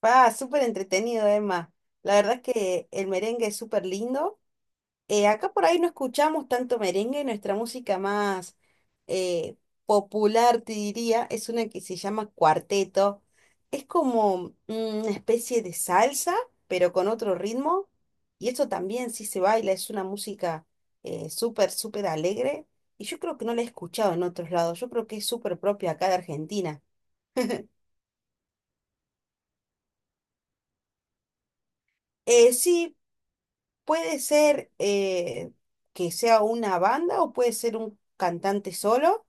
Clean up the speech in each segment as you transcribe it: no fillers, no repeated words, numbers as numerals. Ah, súper entretenido, Emma. La verdad es que el merengue es súper lindo. Acá por ahí no escuchamos tanto merengue, nuestra música más eh, popular, te diría, es una que se llama cuarteto. Es como una especie de salsa, pero con otro ritmo. Y eso también sí se baila, es una música súper, súper alegre. Y yo creo que no la he escuchado en otros lados, yo creo que es súper propia acá de Argentina. Sí, puede ser que sea una banda o puede ser un cantante solo,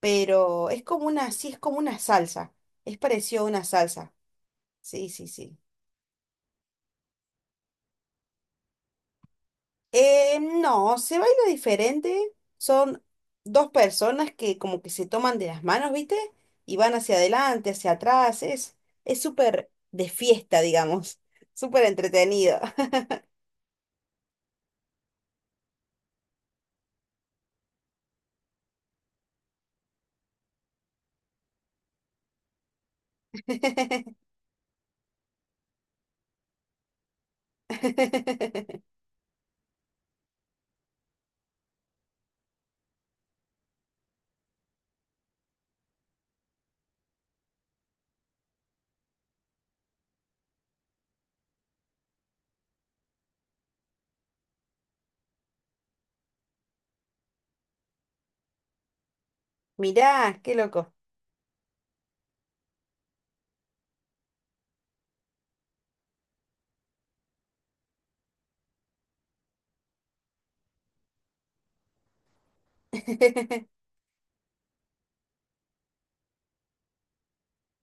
pero es como una, sí, es como una salsa. Es parecido a una salsa. Sí, sí, sí. No, se baila diferente. Son dos personas que como que se toman de las manos, ¿viste? Y van hacia adelante, hacia atrás. Es súper de fiesta, digamos. Súper entretenido. Mirá, qué loco.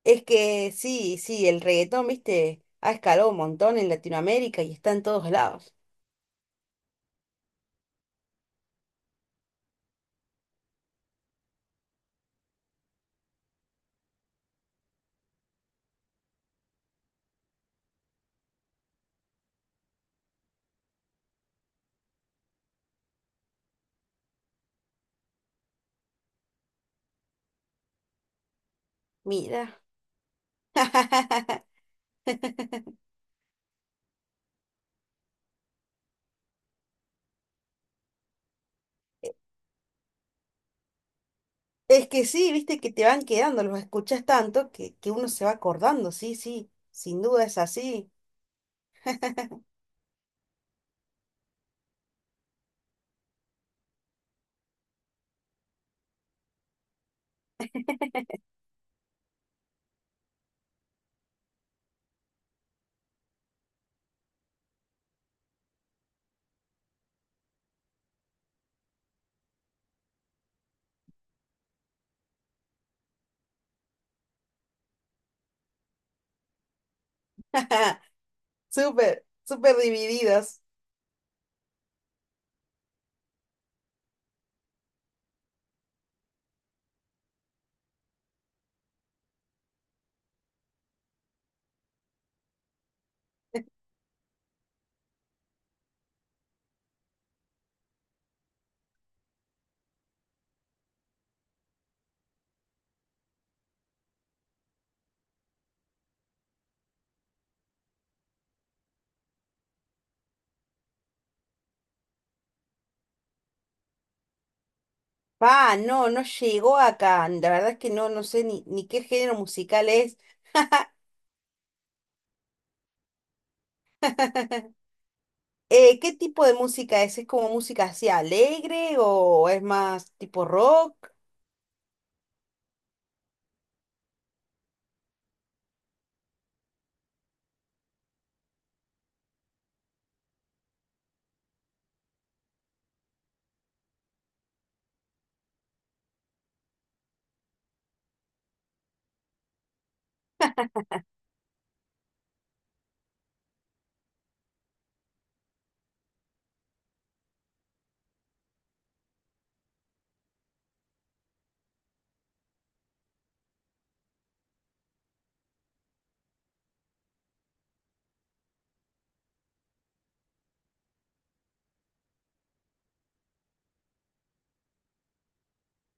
Es que sí, sí, el reggaetón, viste, ha escalado un montón en Latinoamérica y está en todos lados. Mira. Es que sí, viste que te van quedando, los escuchas tanto que uno se va acordando, sí, sí, sin duda es así. Súper, súper divididos. Pa, no, no llegó acá. La verdad es que no, no sé ni, ni qué género musical es. ¿Qué tipo de música es? ¿Es como música así alegre o es más tipo rock?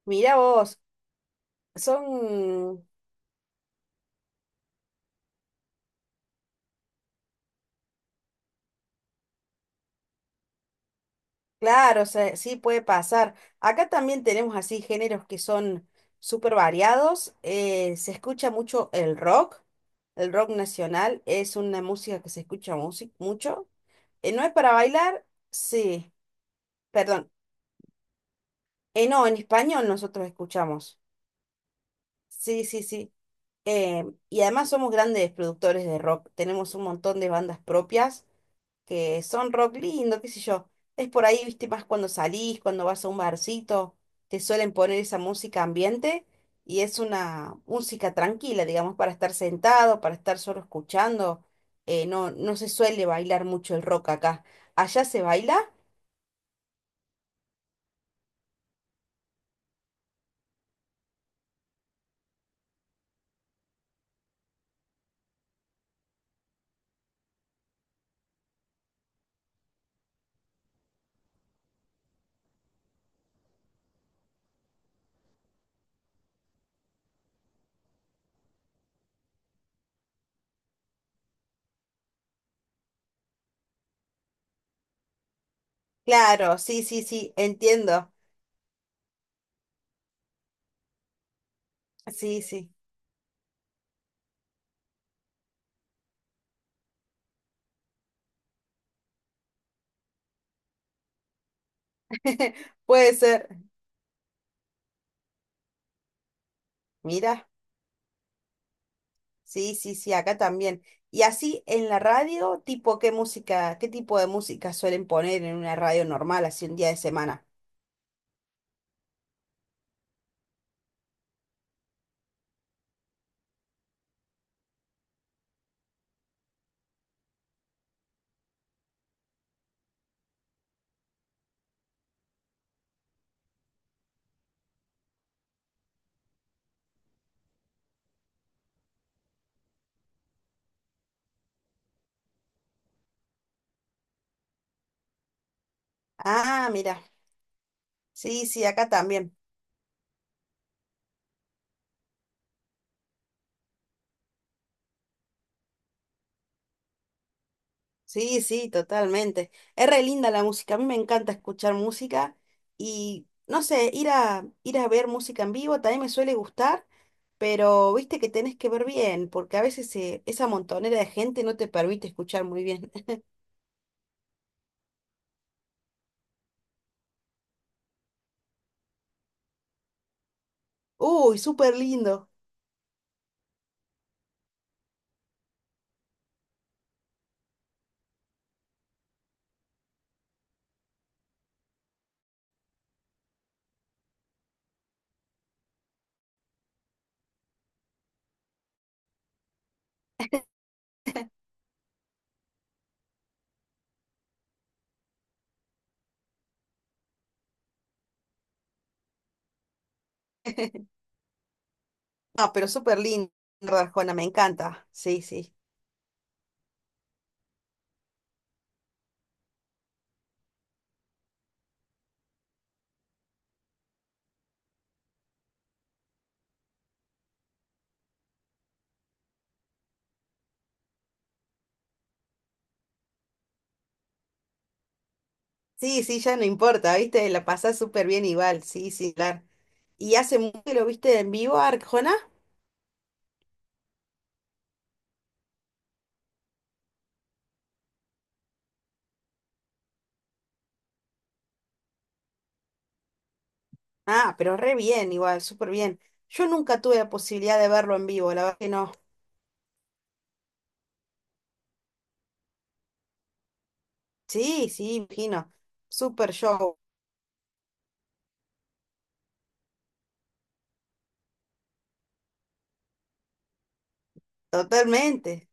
Mira vos. Son, claro, o sea, sí puede pasar. Acá también tenemos así géneros que son súper variados. Se escucha mucho el rock. El rock nacional es una música que se escucha mucho. ¿No es para bailar? Sí, perdón. No, en español nosotros escuchamos. Sí, sí, sí. Eh, y además somos grandes productores de rock. Tenemos un montón de bandas propias que son rock lindo, qué sé yo. Es por ahí, viste, más cuando salís, cuando vas a un barcito, te suelen poner esa música ambiente y es una música tranquila, digamos, para estar sentado, para estar solo escuchando. No, no se suele bailar mucho el rock acá. ¿Allá se baila? Claro, sí, sí, sí, entiendo. Sí, sí, puede ser. Mira. Sí, sí, sí, acá también. Y así en la radio, tipo, ¿qué música, qué tipo de música suelen poner en una radio normal, así un día de semana? Ah, mira, sí, sí, acá también. Sí, sí, totalmente. Es re linda la música, a mí me encanta escuchar música y, no sé, ir a, ir a ver música en vivo también me suele gustar, pero viste que tenés que ver bien, porque a veces esa montonera de gente no te permite escuchar muy bien. Uy, súper lindo. No, pero súper lindo, Arjona, me encanta. Sí, sí. Sí, sí, ya no importa, ¿viste? La pasás súper bien igual, sí, sí, claro. ¿Y hace mucho que lo viste en vivo, Arjona? Ah, pero re bien, igual, súper bien. Yo nunca tuve la posibilidad de verlo en vivo, la verdad que no. Sí, sí, imagino. Súper show, totalmente.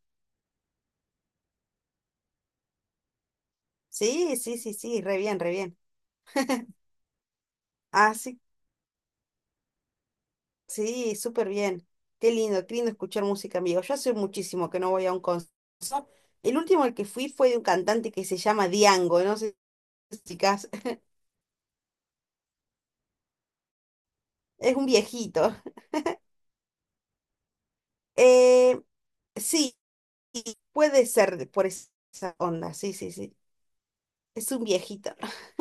Sí, sí, sí, sí, re bien, re bien. Así sí, súper bien. Qué lindo escuchar música en vivo. Yo hace muchísimo que no voy a un concierto. El último al que fui fue de un cantante que se llama Diango, no sé si es un viejito. Eh, sí, puede ser por esa onda, sí, sí, sí. Es un viejito,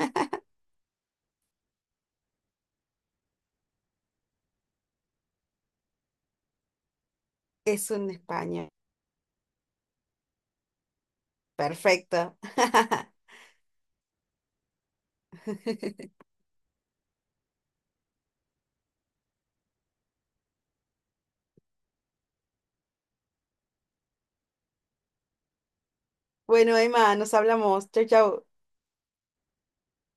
es un español. Perfecto. Bueno, Emma, nos hablamos. Chau, chau.